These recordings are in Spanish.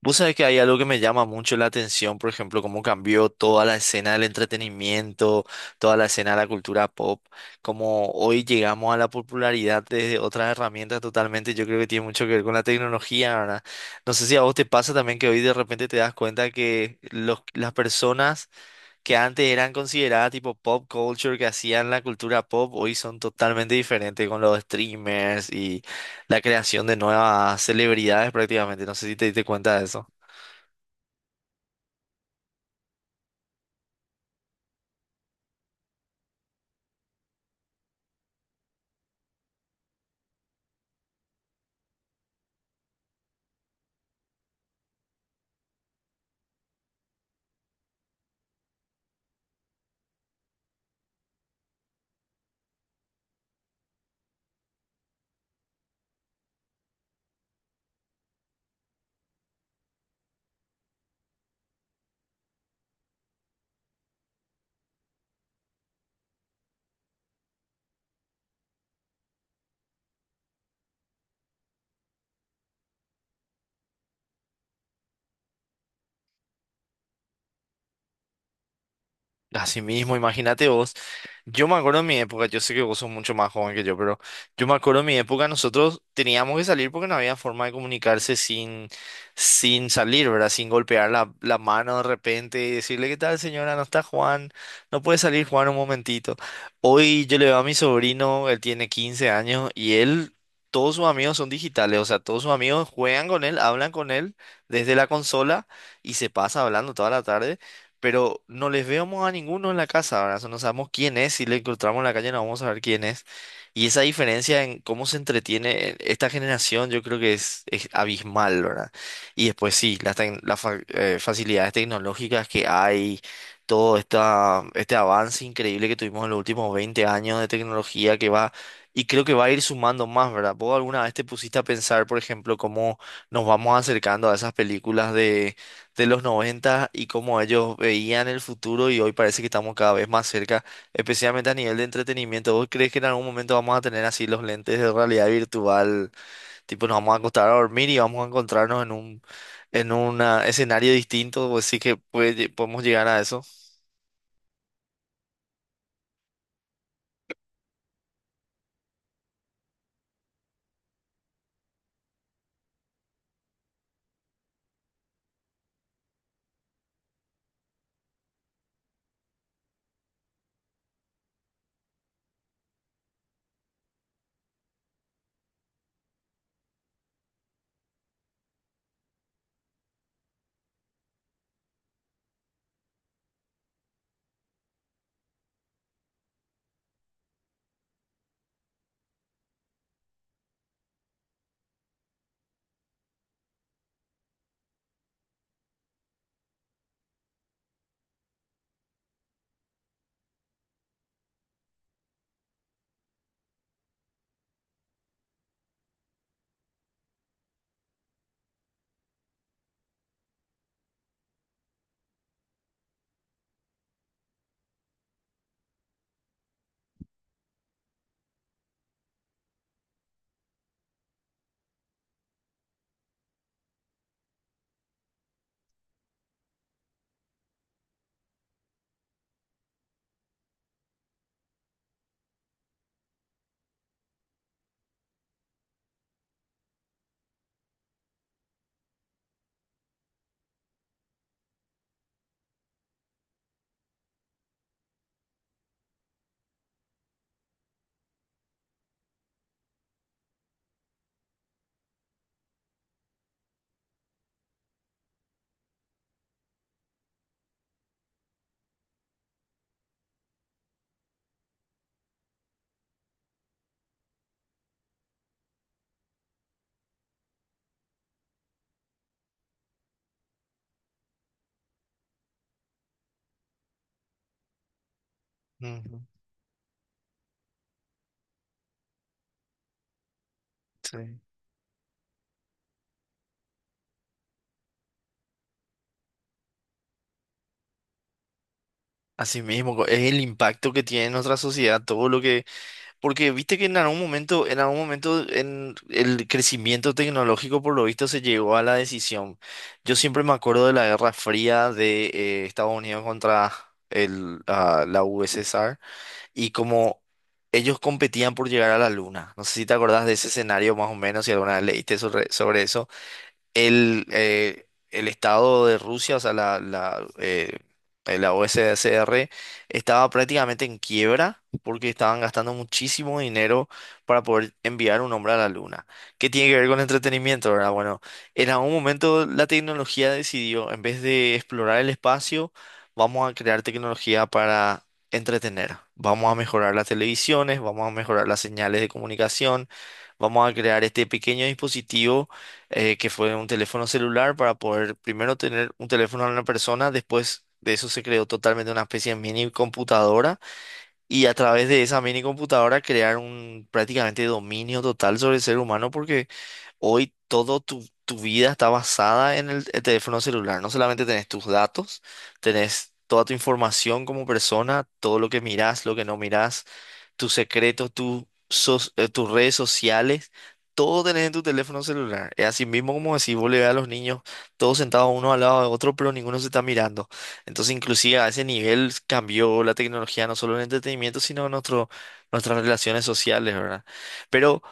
Vos sabés que hay algo que me llama mucho la atención, por ejemplo, cómo cambió toda la escena del entretenimiento, toda la escena de la cultura pop, cómo hoy llegamos a la popularidad desde otras herramientas totalmente. Yo creo que tiene mucho que ver con la tecnología, ¿verdad? No sé si a vos te pasa también que hoy de repente te das cuenta que las personas que antes eran consideradas tipo pop culture, que hacían la cultura pop, hoy son totalmente diferentes con los streamers y la creación de nuevas celebridades prácticamente. No sé si te diste cuenta de eso. Así mismo, imagínate vos. Yo me acuerdo en mi época, yo sé que vos sos mucho más joven que yo, pero yo me acuerdo en mi época nosotros teníamos que salir porque no había forma de comunicarse sin salir, ¿verdad? Sin golpear la mano de repente y decirle, ¿qué tal, señora? No está Juan, no puede salir Juan un momentito. Hoy yo le veo a mi sobrino, él tiene 15 años y él, todos sus amigos son digitales, o sea, todos sus amigos juegan con él, hablan con él desde la consola y se pasa hablando toda la tarde pero no les vemos a ninguno en la casa, ¿verdad? O sea, no sabemos quién es, si le encontramos en la calle no vamos a saber quién es. Y esa diferencia en cómo se entretiene esta generación yo creo que es abismal, ¿verdad? Y después sí, las, tec- las fa- facilidades tecnológicas que hay, este avance increíble que tuvimos en los últimos 20 años de tecnología que va... Y creo que va a ir sumando más, ¿verdad? ¿Vos alguna vez te pusiste a pensar, por ejemplo, cómo nos vamos acercando a esas películas de los 90 y cómo ellos veían el futuro y hoy parece que estamos cada vez más cerca, especialmente a nivel de entretenimiento? ¿Vos crees que en algún momento vamos a tener así los lentes de realidad virtual? Tipo, nos vamos a acostar a dormir y vamos a encontrarnos en en un escenario distinto. Pues sí que podemos llegar a eso. Ujú, sí. Así mismo, es el impacto que tiene en nuestra sociedad, todo lo que... Porque viste que en algún momento, en algún momento en el crecimiento tecnológico, por lo visto, se llegó a la decisión. Yo siempre me acuerdo de la Guerra Fría de Estados Unidos contra la USSR y como ellos competían por llegar a la Luna. No sé si te acordás de ese escenario más o menos, si alguna vez leíste sobre eso, el Estado de Rusia, o sea, la OSCR, estaba prácticamente en quiebra porque estaban gastando muchísimo dinero para poder enviar un hombre a la luna. ¿Qué tiene que ver con entretenimiento, verdad? Bueno, en algún momento la tecnología decidió, en vez de explorar el espacio, vamos a crear tecnología para entretener. Vamos a mejorar las televisiones, vamos a mejorar las señales de comunicación, vamos a crear este pequeño dispositivo que fue un teléfono celular para poder primero tener un teléfono a una persona. Después de eso se creó totalmente una especie de mini computadora y a través de esa mini computadora crear un prácticamente dominio total sobre el ser humano, porque hoy todo tu vida está basada en el teléfono celular. No solamente tenés tus datos, tenés... Toda tu información como persona, todo lo que mirás, lo que no mirás, tus secretos, tus redes sociales, todo tenés en tu teléfono celular. Es así mismo como decís, vos le ves a los niños todos sentados uno al lado de otro, pero ninguno se está mirando. Entonces, inclusive a ese nivel cambió la tecnología, no solo en entretenimiento, sino en nuestras relaciones sociales, ¿verdad? Pero,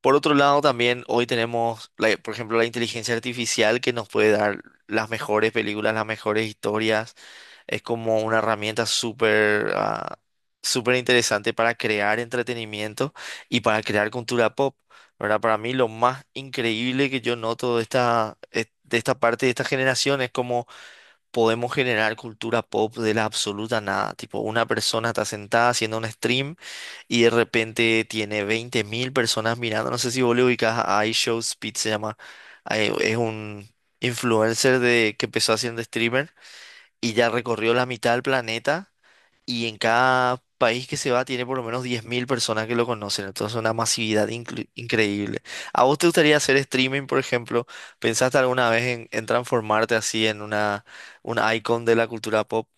por otro lado, también hoy tenemos, por ejemplo, la inteligencia artificial que nos puede dar las mejores películas, las mejores historias. Es como una herramienta súper interesante para crear entretenimiento y para crear cultura pop, ¿verdad? Para mí lo más increíble que yo noto de de esta parte de esta generación es cómo podemos generar cultura pop de la absoluta nada. Tipo, una persona está sentada haciendo un stream y de repente tiene 20.000 personas mirando. No sé si vos le ubicás a iShowSpeed, se llama. Es un influencer de, que empezó haciendo streamer y ya recorrió la mitad del planeta, y en cada país que se va tiene por lo menos 10.000 personas que lo conocen. Entonces, una masividad increíble. ¿A vos te gustaría hacer streaming, por ejemplo? ¿Pensaste alguna vez en transformarte así en un icon de la cultura pop?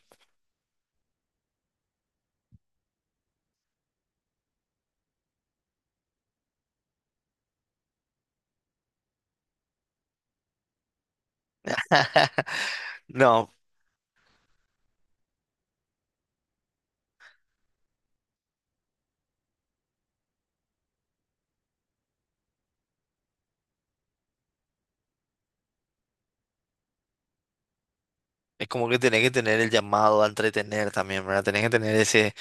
No, es como que tenés que tener el llamado a entretener también, ¿verdad? Tenés que tener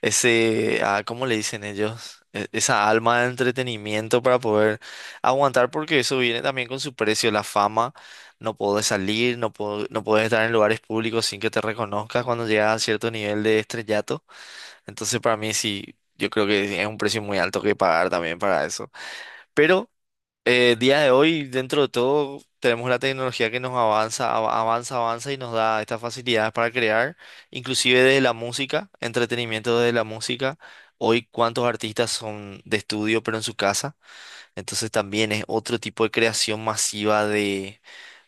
ese, ¿cómo le dicen ellos? Esa alma de entretenimiento para poder aguantar, porque eso viene también con su precio, la fama. No podés salir, no podés estar en lugares públicos sin que te reconozcas cuando llegas a cierto nivel de estrellato. Entonces, para mí sí, yo creo que es un precio muy alto que pagar también para eso. Pero día de hoy, dentro de todo, tenemos la tecnología que nos avanza, avanza, avanza y nos da estas facilidades para crear, inclusive desde la música, entretenimiento desde la música. Hoy, cuántos artistas son de estudio, pero en su casa. Entonces también es otro tipo de creación masiva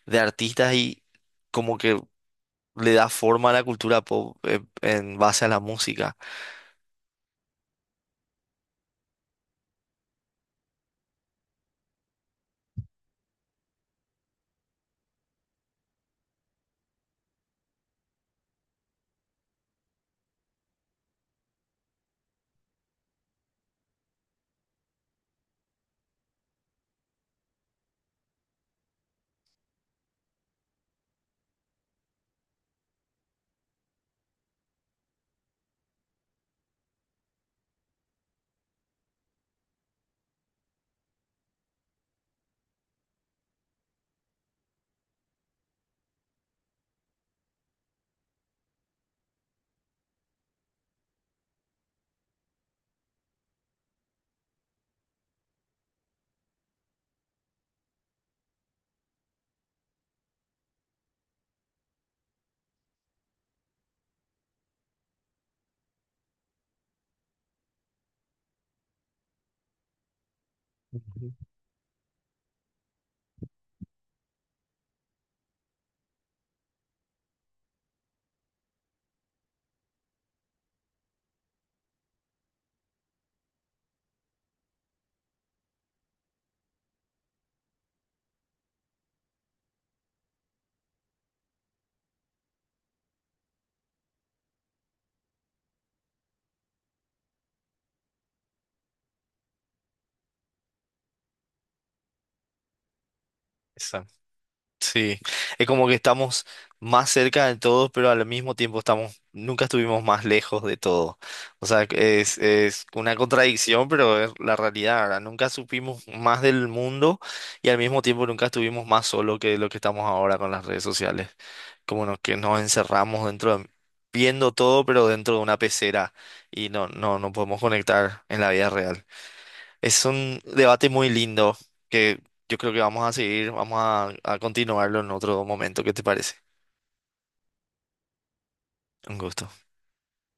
de artistas y como que le da forma a la cultura pop, en base a la música. Ujú. Sí, es como que estamos más cerca de todo, pero al mismo tiempo nunca estuvimos más lejos de todo. O sea, es una contradicción, pero es la realidad, ¿verdad? Nunca supimos más del mundo y al mismo tiempo nunca estuvimos más solos que lo que estamos ahora con las redes sociales. Que nos encerramos viendo todo, pero dentro de una pecera y no podemos conectar en la vida real. Es un debate muy lindo que yo creo que vamos a seguir, a continuarlo en otro momento. ¿Qué te parece? Un gusto.